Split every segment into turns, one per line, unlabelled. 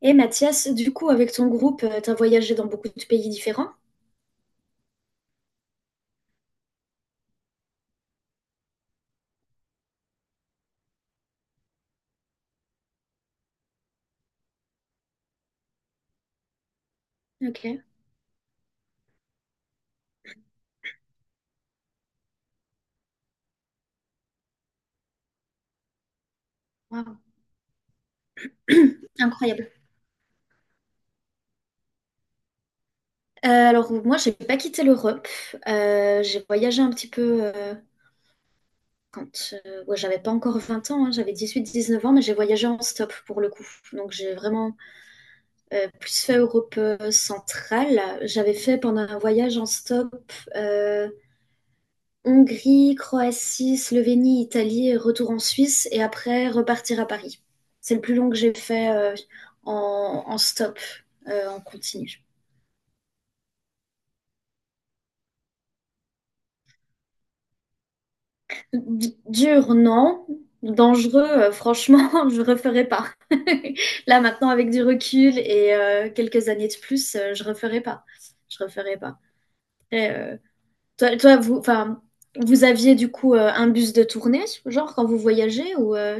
Et Mathias, du coup, avec ton groupe, t'as voyagé dans beaucoup de pays différents. Ok. Wow. Incroyable. Alors, moi, j'ai pas quitté l'Europe. J'ai voyagé un petit peu quand ouais, j'avais pas encore 20 ans, hein, j'avais 18 19 ans, mais j'ai voyagé en stop pour le coup. Donc, j'ai vraiment plus fait Europe centrale. J'avais fait pendant un voyage en stop euh, Hongrie, Croatie, Slovénie, Italie, et retour en Suisse et après repartir à Paris. C'est le plus long que j'ai fait en, en stop, en continu. D- dur, non. Dangereux, franchement, je referai pas. Là maintenant, avec du recul et quelques années de plus, je referai pas. Je referai pas. Après, toi, toi, vous, enfin, vous aviez du coup un bus de tournée, genre quand vous voyagez ou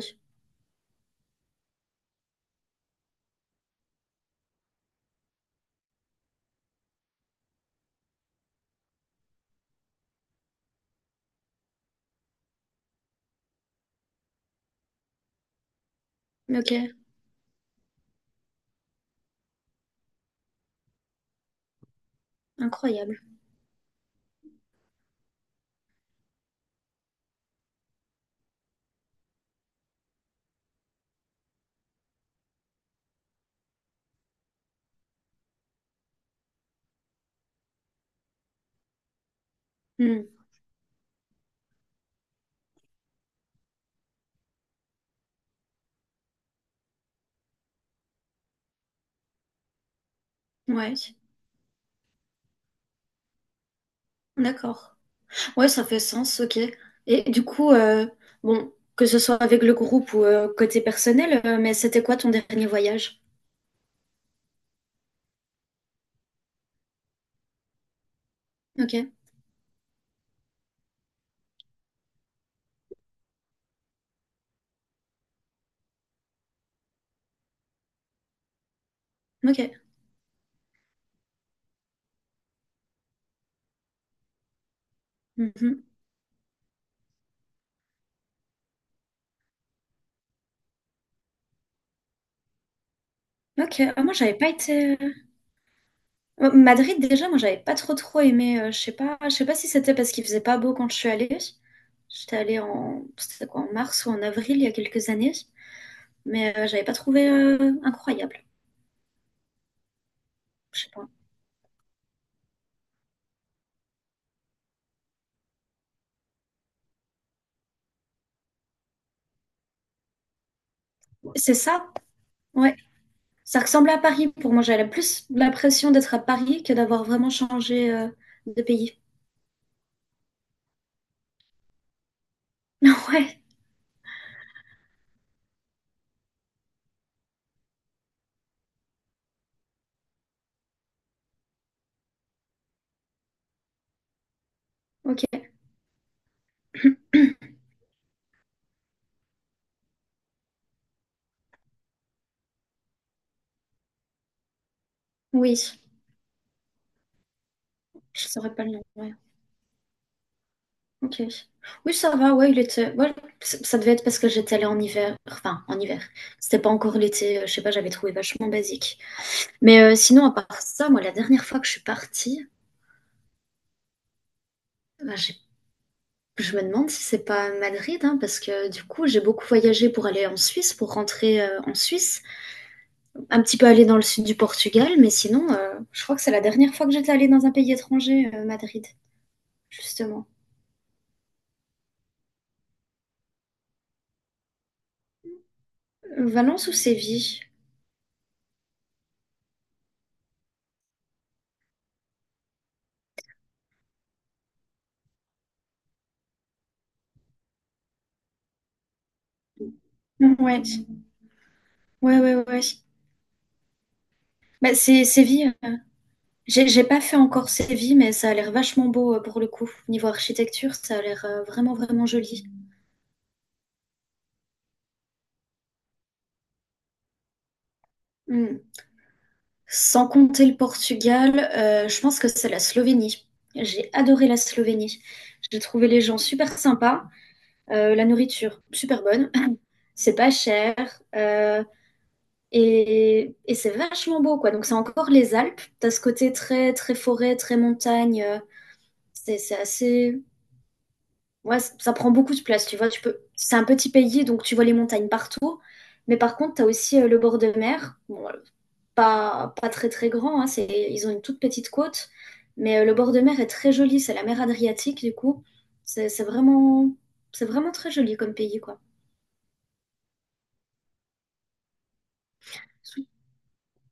ok, incroyable. Hmm, ouais. D'accord. Ouais, ça fait sens, ok. Et du coup, bon, que ce soit avec le groupe ou côté personnel, mais c'était quoi ton dernier voyage? Ok, ok. Mhm. Ok, ah, moi j'avais pas été. Madrid déjà, moi j'avais pas trop trop aimé. Je sais pas si c'était parce qu'il faisait pas beau quand je suis allée. J'étais allée en, c'était quoi, en mars ou en avril il y a quelques années, mais j'avais pas trouvé incroyable. Je sais pas. C'est ça? Ouais. Ça ressemble à Paris pour moi. J'avais plus l'impression d'être à Paris que d'avoir vraiment changé de pays. Ouais, ok. Oui, je saurais pas le nom. Ouais. Ok. Oui, ça va. Ouais, il était. Ouais, c- ça devait être parce que j'étais allée en hiver. Enfin, en hiver. C'était pas encore l'été. Je sais pas. J'avais trouvé vachement basique. Mais sinon, à part ça, moi, la dernière fois que je suis partie, bah, j'ai- je me demande si c'est pas Madrid, hein, parce que du coup, j'ai beaucoup voyagé pour aller en Suisse, pour rentrer en Suisse. Un petit peu allée dans le sud du Portugal, mais sinon, je crois que c'est la dernière fois que j'étais allée dans un pays étranger, Madrid, justement. Valence ou Séville? Ouais, ouais, ouais, ouais. Bah, c'est Séville. Euh, j'ai pas fait encore Séville, mais ça a l'air vachement beau pour le coup. Niveau architecture, ça a l'air vraiment, vraiment joli. Hmm. Sans compter le Portugal, je pense que c'est la Slovénie. J'ai adoré la Slovénie. J'ai trouvé les gens super sympas. La nourriture, super bonne. C'est pas cher. euh, et c'est vachement beau, quoi. Donc, c'est encore les Alpes. T'as ce côté très, très forêt, très montagne. C'est assez. Ouais, c- ça prend beaucoup de place, tu vois. Tu peux... C'est un petit pays, donc tu vois les montagnes partout. Mais par contre, t'as aussi le bord de mer. Bon, pas, pas très, très grand. Hein, c'est... Ils ont une toute petite côte. Mais le bord de mer est très joli. C'est la mer Adriatique, du coup. C'est c'est vraiment... c'est vraiment très joli comme pays, quoi.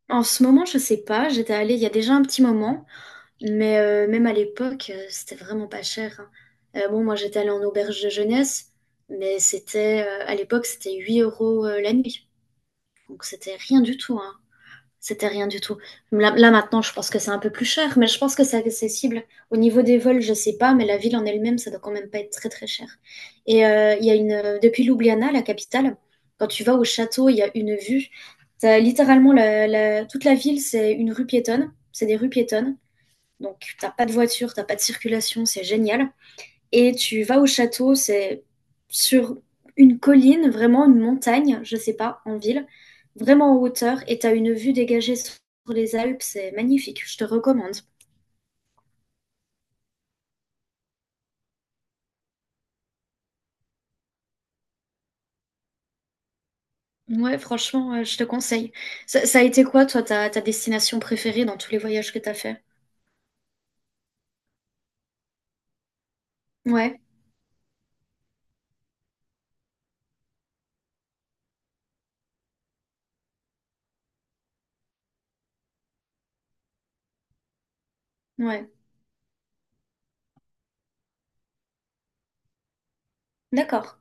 En ce moment, je sais pas. J'étais allée il y a déjà un petit moment, mais même à l'époque, c'était vraiment pas cher, hein. Bon, moi, j'étais allée en auberge de jeunesse, mais c'était à l'époque, c'était 8 € la nuit. Donc, c'était rien du tout, hein. C'était rien du tout. Là, là, maintenant, je pense que c'est un peu plus cher, mais je pense que c'est accessible. Au niveau des vols, je sais pas, mais la ville en elle-même, ça doit quand même pas être très très cher. Et il y a une depuis Ljubljana, la capitale, quand tu vas au château, il y a une vue. T'as littéralement la- la- toute la ville, c'est une rue piétonne, c'est des rues piétonnes. Donc t'as pas de voiture, t'as pas de circulation, c'est génial. Et tu vas au château, c'est sur une colline, vraiment une montagne, je sais pas, en ville, vraiment en hauteur, et tu as une vue dégagée sur les Alpes, c'est magnifique, je te recommande. Ouais, franchement, je te conseille. Ça a été quoi, toi, ta, ta destination préférée dans tous les voyages que t'as as fait? Ouais, ouais, d'accord.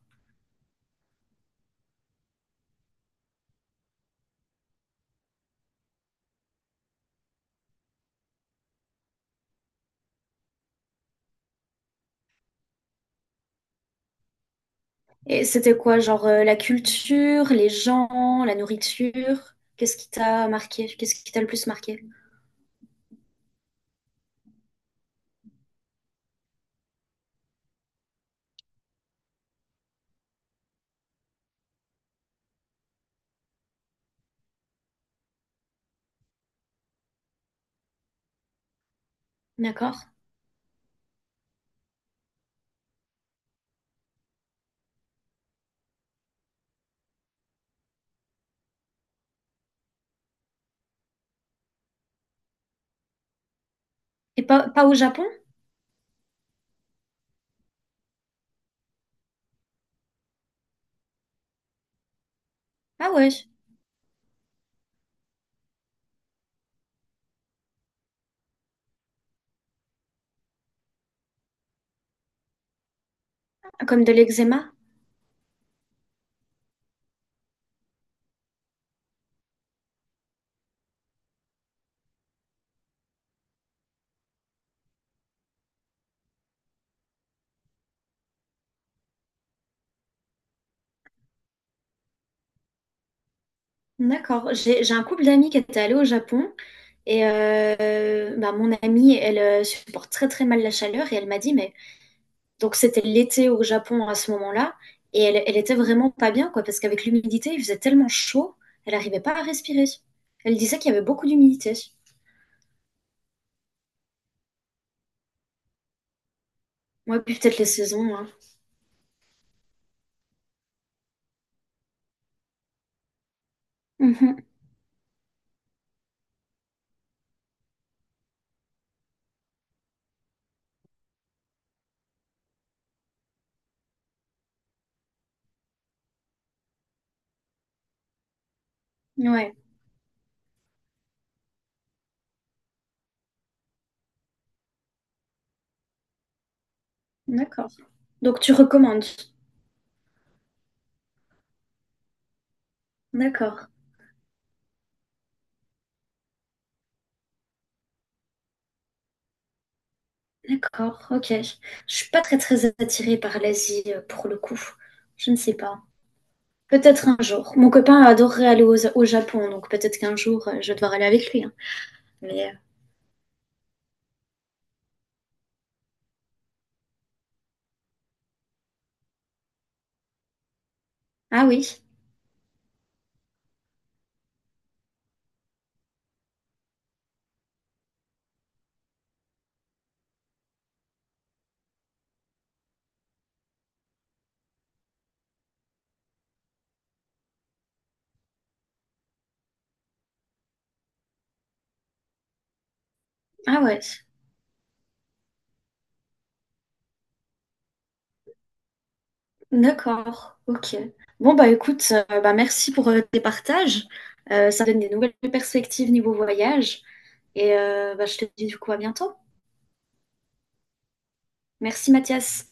Et c'était quoi, genre la culture, les gens, la nourriture? Qu'est-ce qui t'a marqué? Qu'est-ce qui t'a le plus marqué? D'accord. Et pas, pas au Japon? Ah ouais, comme de l'eczéma? D'accord. J'ai un couple d'amis qui étaient allés au Japon et bah, mon amie, elle supporte très très mal la chaleur et elle m'a dit, mais donc c'était l'été au Japon à ce moment-là et elle, elle était vraiment pas bien quoi parce qu'avec l'humidité, il faisait tellement chaud, elle n'arrivait pas à respirer. Elle disait qu'il y avait beaucoup d'humidité. Ouais, puis peut-être les saisons, hein. Mhm. Ouais, d'accord. Donc tu recommandes. D'accord, d'accord, ok. Je suis pas très très attirée par l'Asie pour le coup. Je ne sais pas. Peut-être un jour. Mon copain adorerait aller au, au Japon, donc peut-être qu'un jour, je vais devoir aller avec lui, hein. Mais ah oui, ah ouais, d'accord, ok. Bon bah écoute, bah merci pour tes partages. Ça donne des nouvelles perspectives niveau voyage. Et bah, je te dis du coup à bientôt. Merci Mathias.